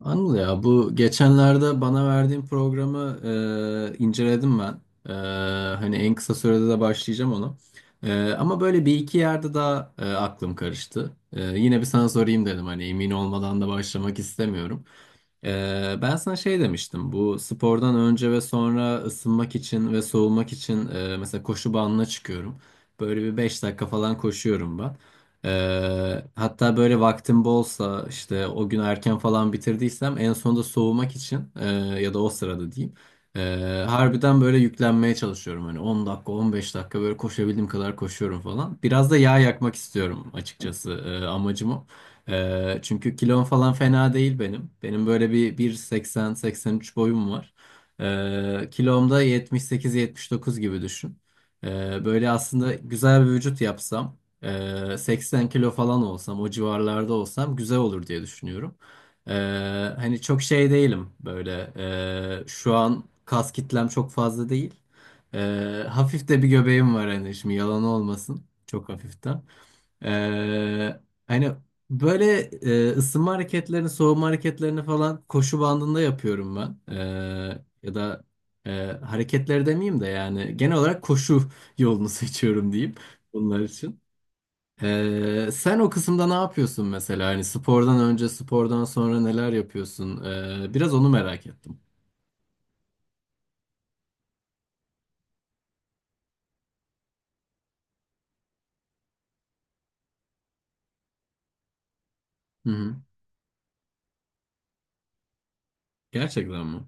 Anıl ya bu geçenlerde bana verdiğin programı inceledim ben. E, Hani en kısa sürede de başlayacağım onu. Ama böyle bir iki yerde daha aklım karıştı. Yine bir sana sorayım dedim hani emin olmadan da başlamak istemiyorum. Ben sana şey demiştim, bu spordan önce ve sonra ısınmak için ve soğumak için mesela koşu bandına çıkıyorum. Böyle bir 5 dakika falan koşuyorum ben. Hatta böyle vaktim bolsa, işte o gün erken falan bitirdiysem, en sonunda soğumak için ya da o sırada diyeyim, harbiden böyle yüklenmeye çalışıyorum. Hani 10 dakika 15 dakika böyle koşabildiğim kadar koşuyorum falan. Biraz da yağ yakmak istiyorum açıkçası, amacım o. Çünkü kilom falan fena değil benim. Benim böyle bir 1.80-83 boyum var. E, kilomda 78-79 gibi düşün. Böyle aslında güzel bir vücut yapsam, 80 kilo falan olsam, o civarlarda olsam güzel olur diye düşünüyorum. Ee, Hani çok şey değilim böyle. Şu an kas kitlem çok fazla değil. Hafif de bir göbeğim var hani, şimdi yalan olmasın. Çok hafiften. Ee, hani böyle ısınma hareketlerini, soğuma hareketlerini falan koşu bandında yapıyorum ben. Ya da hareketleri demeyeyim de, yani genel olarak koşu yolunu seçiyorum diyeyim bunlar için. Sen o kısımda ne yapıyorsun mesela? Hani spordan önce, spordan sonra neler yapıyorsun? Biraz onu merak ettim. Hı hı. Gerçekten mi?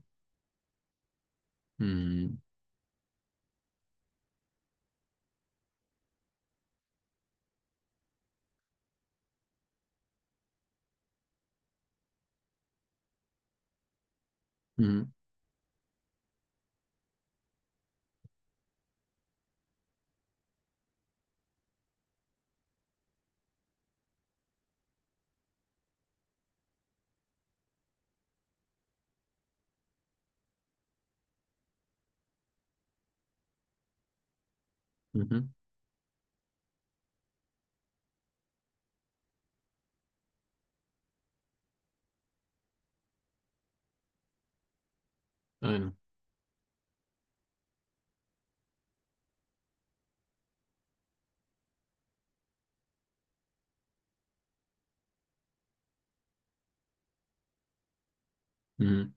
Hı hı. Hı hı. Aynen. Hı hı.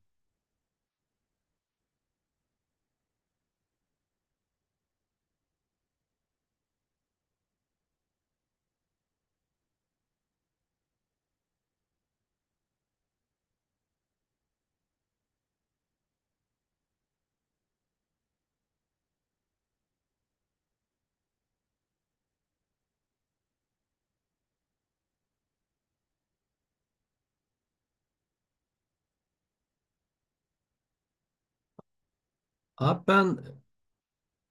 Abi ben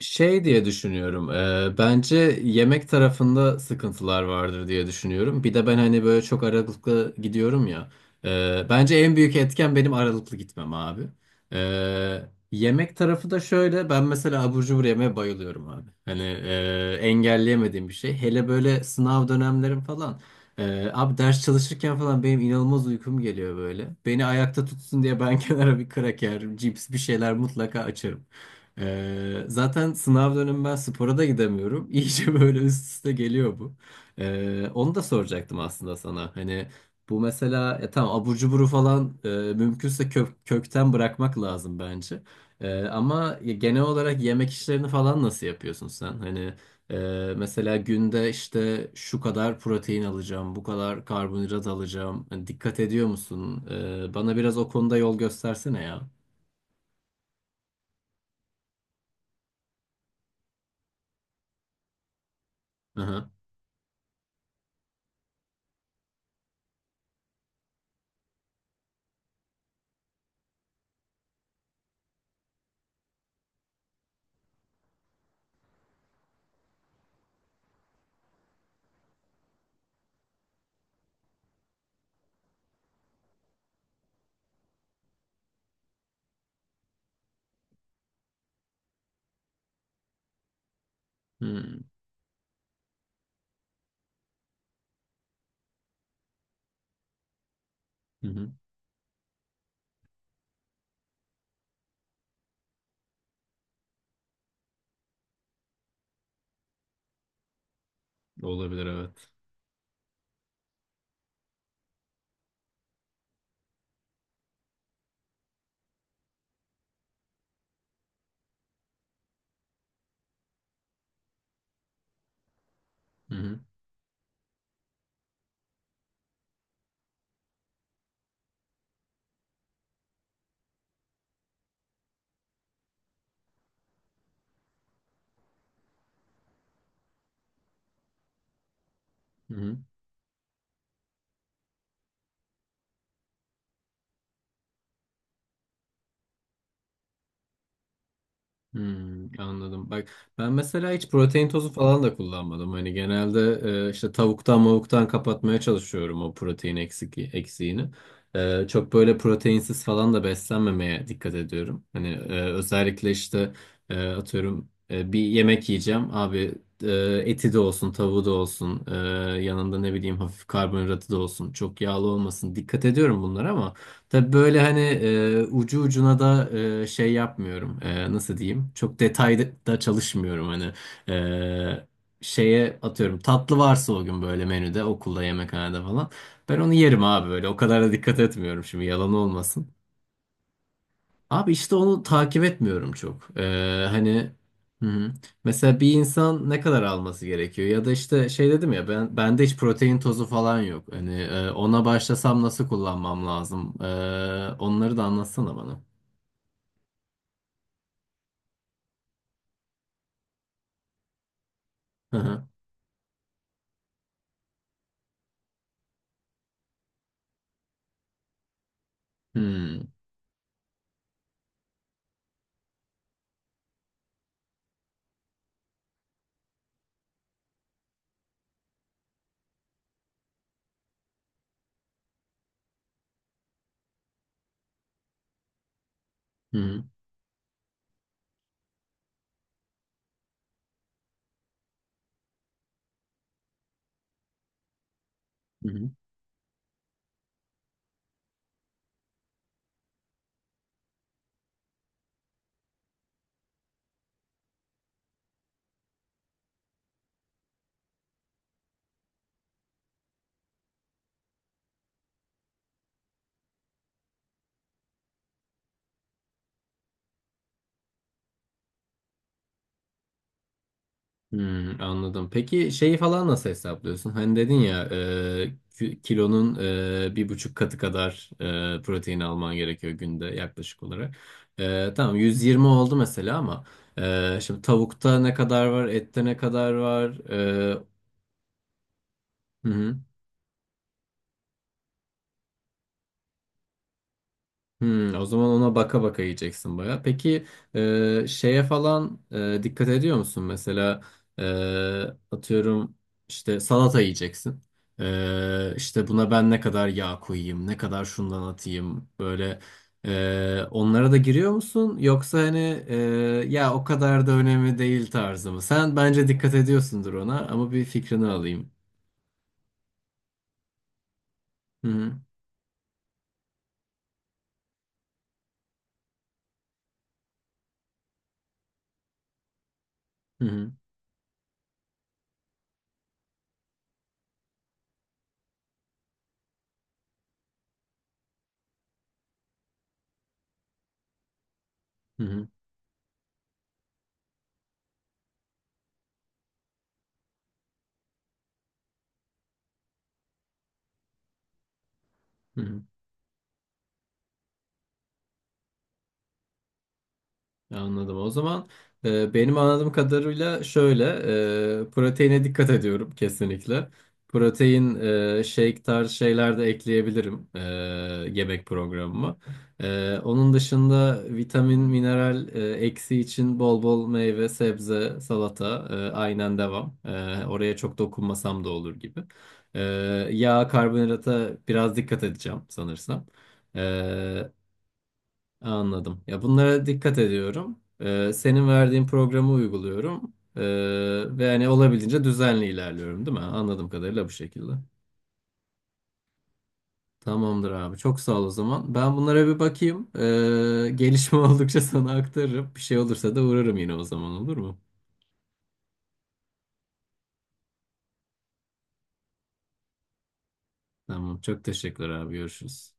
Şey diye düşünüyorum. Bence yemek tarafında sıkıntılar vardır diye düşünüyorum. Bir de ben hani böyle çok aralıklı gidiyorum ya. E, bence en büyük etken benim aralıklı gitmem abi. E, Yemek tarafı da şöyle. Ben mesela abur cubur yemeye bayılıyorum abi. Hani engelleyemediğim bir şey. Hele böyle sınav dönemlerim falan. Abi, ders çalışırken falan benim inanılmaz uykum geliyor böyle. Beni ayakta tutsun diye ben kenara bir kraker, cips, bir şeyler mutlaka açarım. Zaten sınav dönemi ben spora da gidemiyorum. İyice böyle üst üste geliyor bu. Onu da soracaktım aslında sana. Hani bu mesela, ya tamam abur cuburu falan mümkünse kökten bırakmak lazım bence. Ama ya genel olarak yemek işlerini falan nasıl yapıyorsun sen? Hani mesela günde işte şu kadar protein alacağım, bu kadar karbonhidrat alacağım. Hani dikkat ediyor musun? Bana biraz o konuda yol göstersene ya. Aha. Hmm. Hı hı. Olabilir, evet. Hı hı. Hı hı. Hmm, anladım. Bak, ben mesela hiç protein tozu falan da kullanmadım. Hani genelde işte tavuktan mavuktan kapatmaya çalışıyorum o eksiğini. Çok böyle proteinsiz falan da beslenmemeye dikkat ediyorum. Hani özellikle işte atıyorum, bir yemek yiyeceğim abi, e, eti de olsun, tavuğu da olsun, yanında ne bileyim hafif karbonhidratı da olsun, çok yağlı olmasın. Dikkat ediyorum bunlara, ama tabii böyle hani ucu ucuna da şey yapmıyorum. E, nasıl diyeyim? Çok detayda da çalışmıyorum hani. E, şeye atıyorum, tatlı varsa o gün böyle menüde, okulda yemekhanede falan, ben onu yerim abi böyle. O kadar da dikkat etmiyorum şimdi, yalan olmasın. Abi, işte onu takip etmiyorum çok. Hani. Hı hı. Mesela bir insan ne kadar alması gerekiyor? Ya da işte şey dedim ya, ben, bende hiç protein tozu falan yok. Hani ona başlasam nasıl kullanmam lazım? Onları da anlatsana bana. Hı hı. Hmm. Hı hı. Hı hı. Hmm, anladım. Peki şeyi falan nasıl hesaplıyorsun? Hani dedin ya, kilonun bir buçuk katı kadar protein alman gerekiyor günde yaklaşık olarak. E, tamam 120 oldu mesela, ama şimdi tavukta ne kadar var, ette ne kadar var? E, hı hı. Hmm, o zaman ona baka baka yiyeceksin baya. Peki şeye falan dikkat ediyor musun? Mesela e, atıyorum, işte salata yiyeceksin. E, işte buna ben ne kadar yağ koyayım, ne kadar şundan atayım böyle, onlara da giriyor musun? Yoksa hani e, ya o kadar da önemli değil tarzı mı? Sen bence dikkat ediyorsundur ona, ama bir fikrini alayım. Hı hı, hı hı, hı hı, hı hı. Anladım. O zaman benim anladığım kadarıyla şöyle, proteine dikkat ediyorum kesinlikle. Protein shake tarzı şeyler de ekleyebilirim yemek programıma. Onun dışında vitamin, mineral eksi için bol bol meyve, sebze, salata, aynen devam. E, oraya çok dokunmasam da olur gibi. E, Yağ, karbonhidrata biraz dikkat edeceğim sanırsam. Anladım. Ya bunlara dikkat ediyorum. Senin verdiğin programı uyguluyorum. Ve hani olabildiğince düzenli ilerliyorum, değil mi? Anladığım kadarıyla bu şekilde. Tamamdır abi. Çok sağ ol o zaman. Ben bunlara bir bakayım. Gelişme oldukça sana aktarırım. Bir şey olursa da uğrarım yine o zaman, olur mu? Tamam. Çok teşekkürler abi. Görüşürüz.